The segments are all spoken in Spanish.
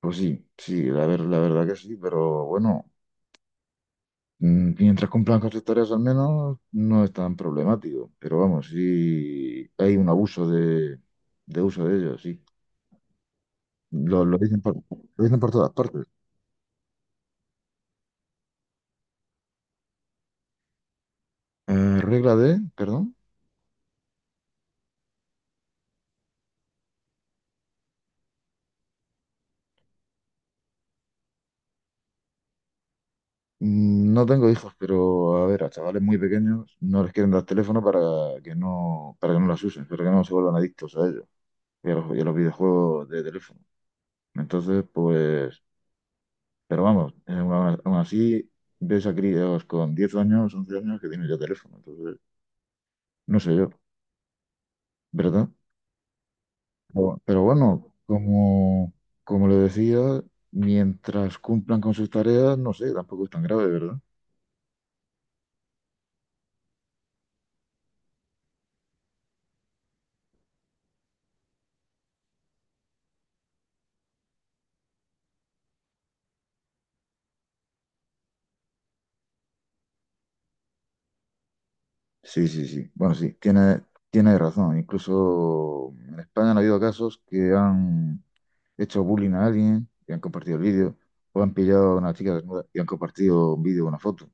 Pues sí, sí, la verdad que sí, pero bueno, mientras cumplan con sus tareas al menos, no es tan problemático. Pero vamos, sí hay de uso de ellos, sí. Lo, lo dicen por, lo dicen por todas partes. Regla de, perdón, no tengo hijos, pero a ver, a chavales muy pequeños no les quieren dar teléfono para que no las usen, para que no se vuelvan adictos a ellos y a los videojuegos de teléfono. Entonces, pues pero vamos, aún así ves a críos con 10 años, 11 años que tienen ya teléfono, entonces no sé yo, ¿verdad? Pero bueno, como le decía, mientras cumplan con sus tareas, no sé, tampoco es tan grave, ¿verdad? Sí, sí, sí. Bueno, sí, tiene razón. Incluso en España han habido casos que han hecho bullying a alguien y han compartido el vídeo, o han pillado a una chica desnuda y han compartido un vídeo o una foto.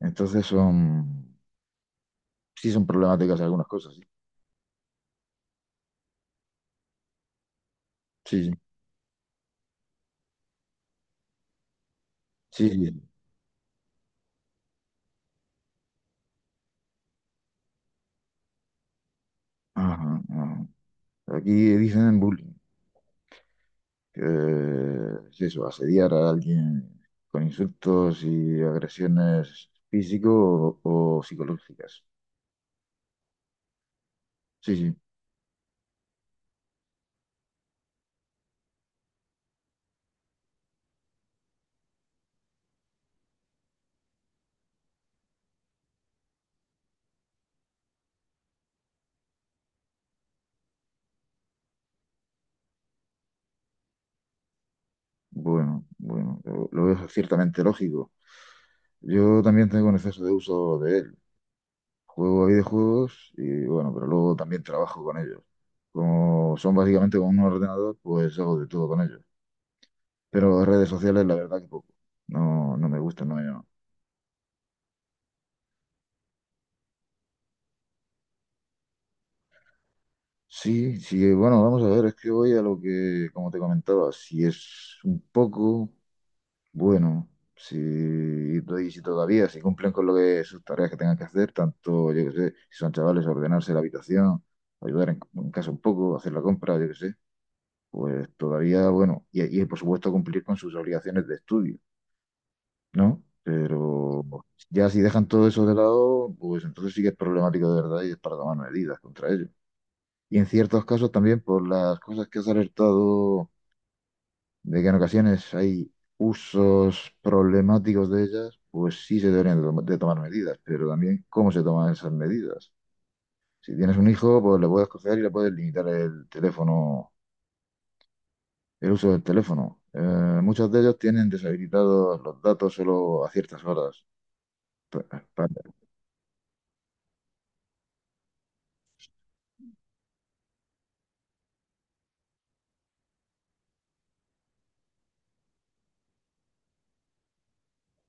Entonces son, sí son problemáticas algunas cosas, sí. Sí, sí, sí. Sí. Ajá, ajá. Aquí dicen bullying, que es eso, asediar a alguien con insultos y agresiones físico o psicológicas. Sí, sí. Bueno, bueno, lo veo ciertamente lógico. Yo también tengo un exceso de uso de él. Juego a videojuegos y bueno, pero luego también trabajo con ellos. Como son básicamente con un ordenador, pues hago de todo con ellos. Pero redes sociales, la verdad que poco. No, no me gusta, no. Sí, sí, bueno, vamos a ver, es que voy a lo que, como te comentaba, si es un poco, bueno, si, y si todavía, si cumplen con lo que sus tareas que tengan que hacer, tanto, yo que sé, si son chavales, ordenarse la habitación, ayudar en casa un poco, hacer la compra, yo que sé, pues todavía, bueno, y por supuesto cumplir con sus obligaciones de estudio, ¿no? Pero ya si dejan todo eso de lado, pues entonces sí que es problemático de verdad y es para tomar medidas contra ellos. Y en ciertos casos también por las cosas que has alertado, de que en ocasiones hay usos problemáticos de ellas, pues sí se deberían de tomar medidas, pero también cómo se toman esas medidas. Si tienes un hijo, pues le puedes coger y le puedes limitar el teléfono, el uso del teléfono. Muchos de ellos tienen deshabilitados los datos solo a ciertas horas. Pa- pa-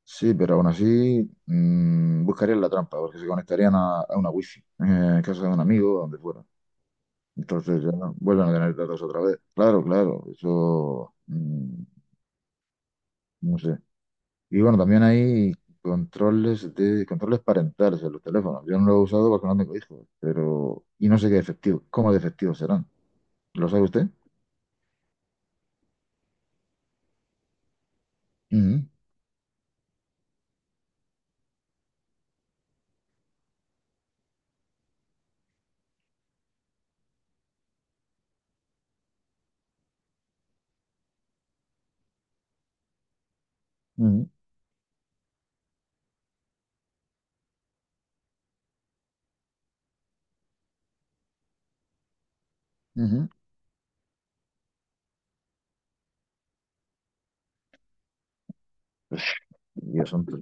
Sí, pero aún así buscarían la trampa, porque se conectarían a una wifi, en casa de un amigo o donde fuera. Entonces ya, no, vuelven a tener datos otra vez. Claro, claro, eso no sé. Y bueno, también hay controles parentales en los teléfonos. Yo no lo he usado porque no tengo hijos, pero y no sé qué efectivo, cómo de efectivos serán. ¿Lo sabe usted? Ujú, ujú, ujú. Y son que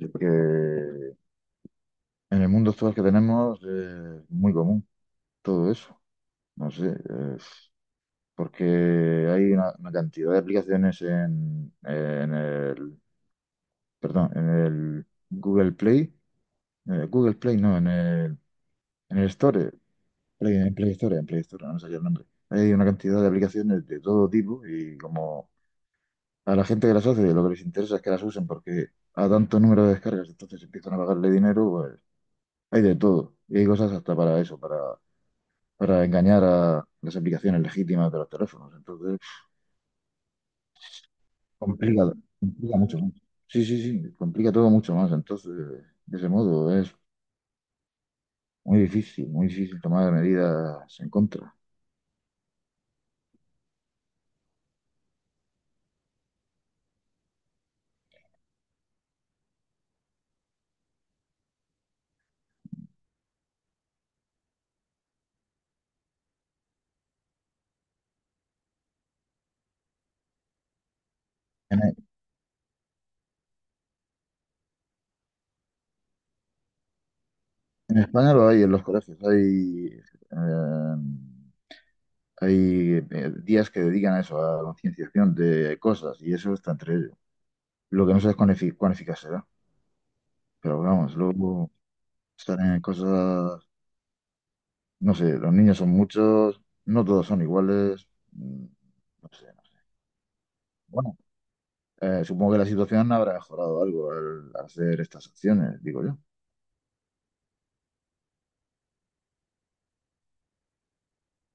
en el mundo actual que tenemos es muy común todo eso. No sé, es porque hay una cantidad de aplicaciones en el perdón, en el Google Play, Google Play no, en el Store, en Play Store, no sé qué el nombre. Hay una cantidad de aplicaciones de todo tipo y como a la gente que las hace, lo que les interesa es que las usen porque a tanto número de descargas, entonces empiezan a pagarle dinero, pues hay de todo. Y hay cosas hasta para eso, para engañar a las aplicaciones legítimas de los teléfonos. Entonces, complica, complica mucho más. Sí, sí, sí, complica todo mucho más. Entonces, de ese modo, es muy difícil, muy difícil tomar medidas en contra. En, en España lo hay en los colegios, eh, hay días que dedican a eso, a la concienciación de cosas, y eso está entre ellos. Lo que no sé es cuán eficaz será, pero vamos, luego estar en cosas, no sé, los niños son muchos, no todos son iguales, no sé, no sé. Bueno, supongo que la situación habrá mejorado algo al hacer estas acciones, digo yo.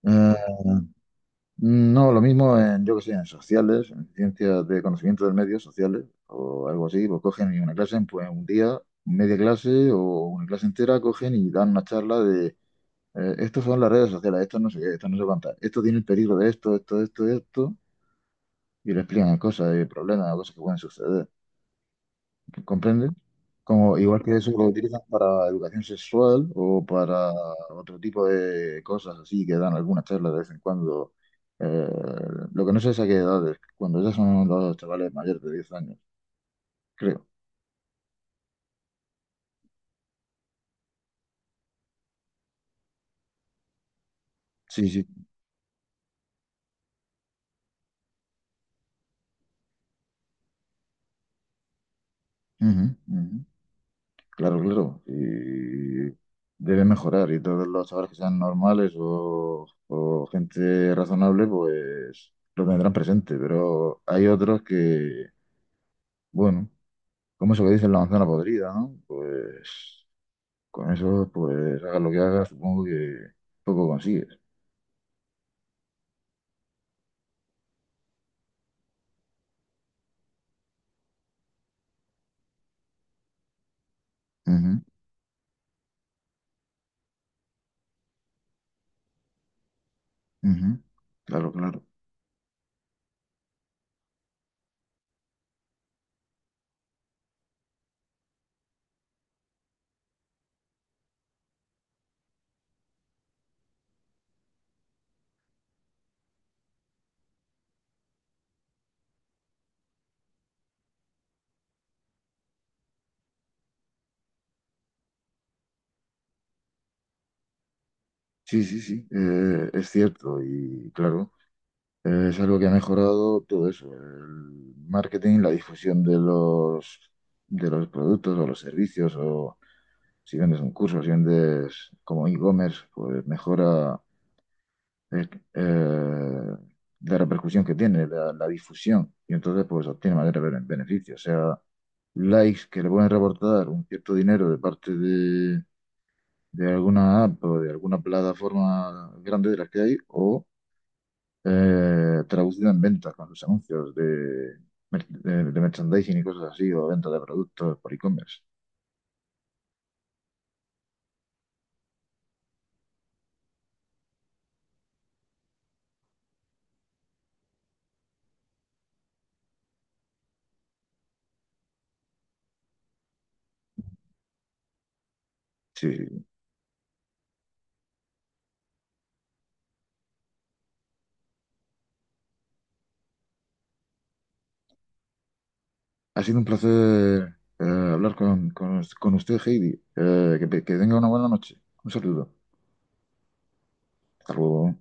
Eh, No, lo mismo en, yo que sé, en sociales, en ciencias de conocimiento del medio, sociales, o algo así, lo cogen y una clase en pues, un día, media clase o una clase entera, cogen y dan una charla de estos son las redes sociales, esto no sé qué, esto no sé cuántas, esto tiene el peligro de esto, esto, esto, esto, y le explican cosas y problemas, cosas que pueden suceder. ¿Comprende? Como, igual que eso lo utilizan para educación sexual o para otro tipo de cosas así que dan algunas charlas de vez en cuando. Eh, lo que no sé es a qué edades cuando ya son los chavales mayores de 10 años, creo. Sí, sí. Ujú, ujú. Claro, claro. Y debe mejorar y todos los chavales que sean normales o gente razonable, pues lo tendrán presente, pero hay otros que... Bueno, ¿cómo se le dice la manzana podrida, no? Pues con eso, pues hagas lo que hagas, supongo que poco consigues. Ujú, ujú. Claro, claro. Sí, sí, sí, es cierto y claro, es algo que ha mejorado todo eso, el marketing, la difusión de los productos o los servicios o si vendes un curso, si vendes como e-commerce, pues mejora eh, eh, la repercusión que tiene, la difusión, y entonces pues obtiene mayor beneficio, o sea, likes que le pueden reportar un cierto dinero de parte de alguna app o de alguna plataforma grande de las que hay, o traducido en ventas con sus anuncios de, de merchandising y cosas así, o venta de productos por e-commerce. Sí, sí. Sí. Ha sido un placer hablar con usted, Heidi. Que tenga una buena noche. Un saludo. Hasta luego.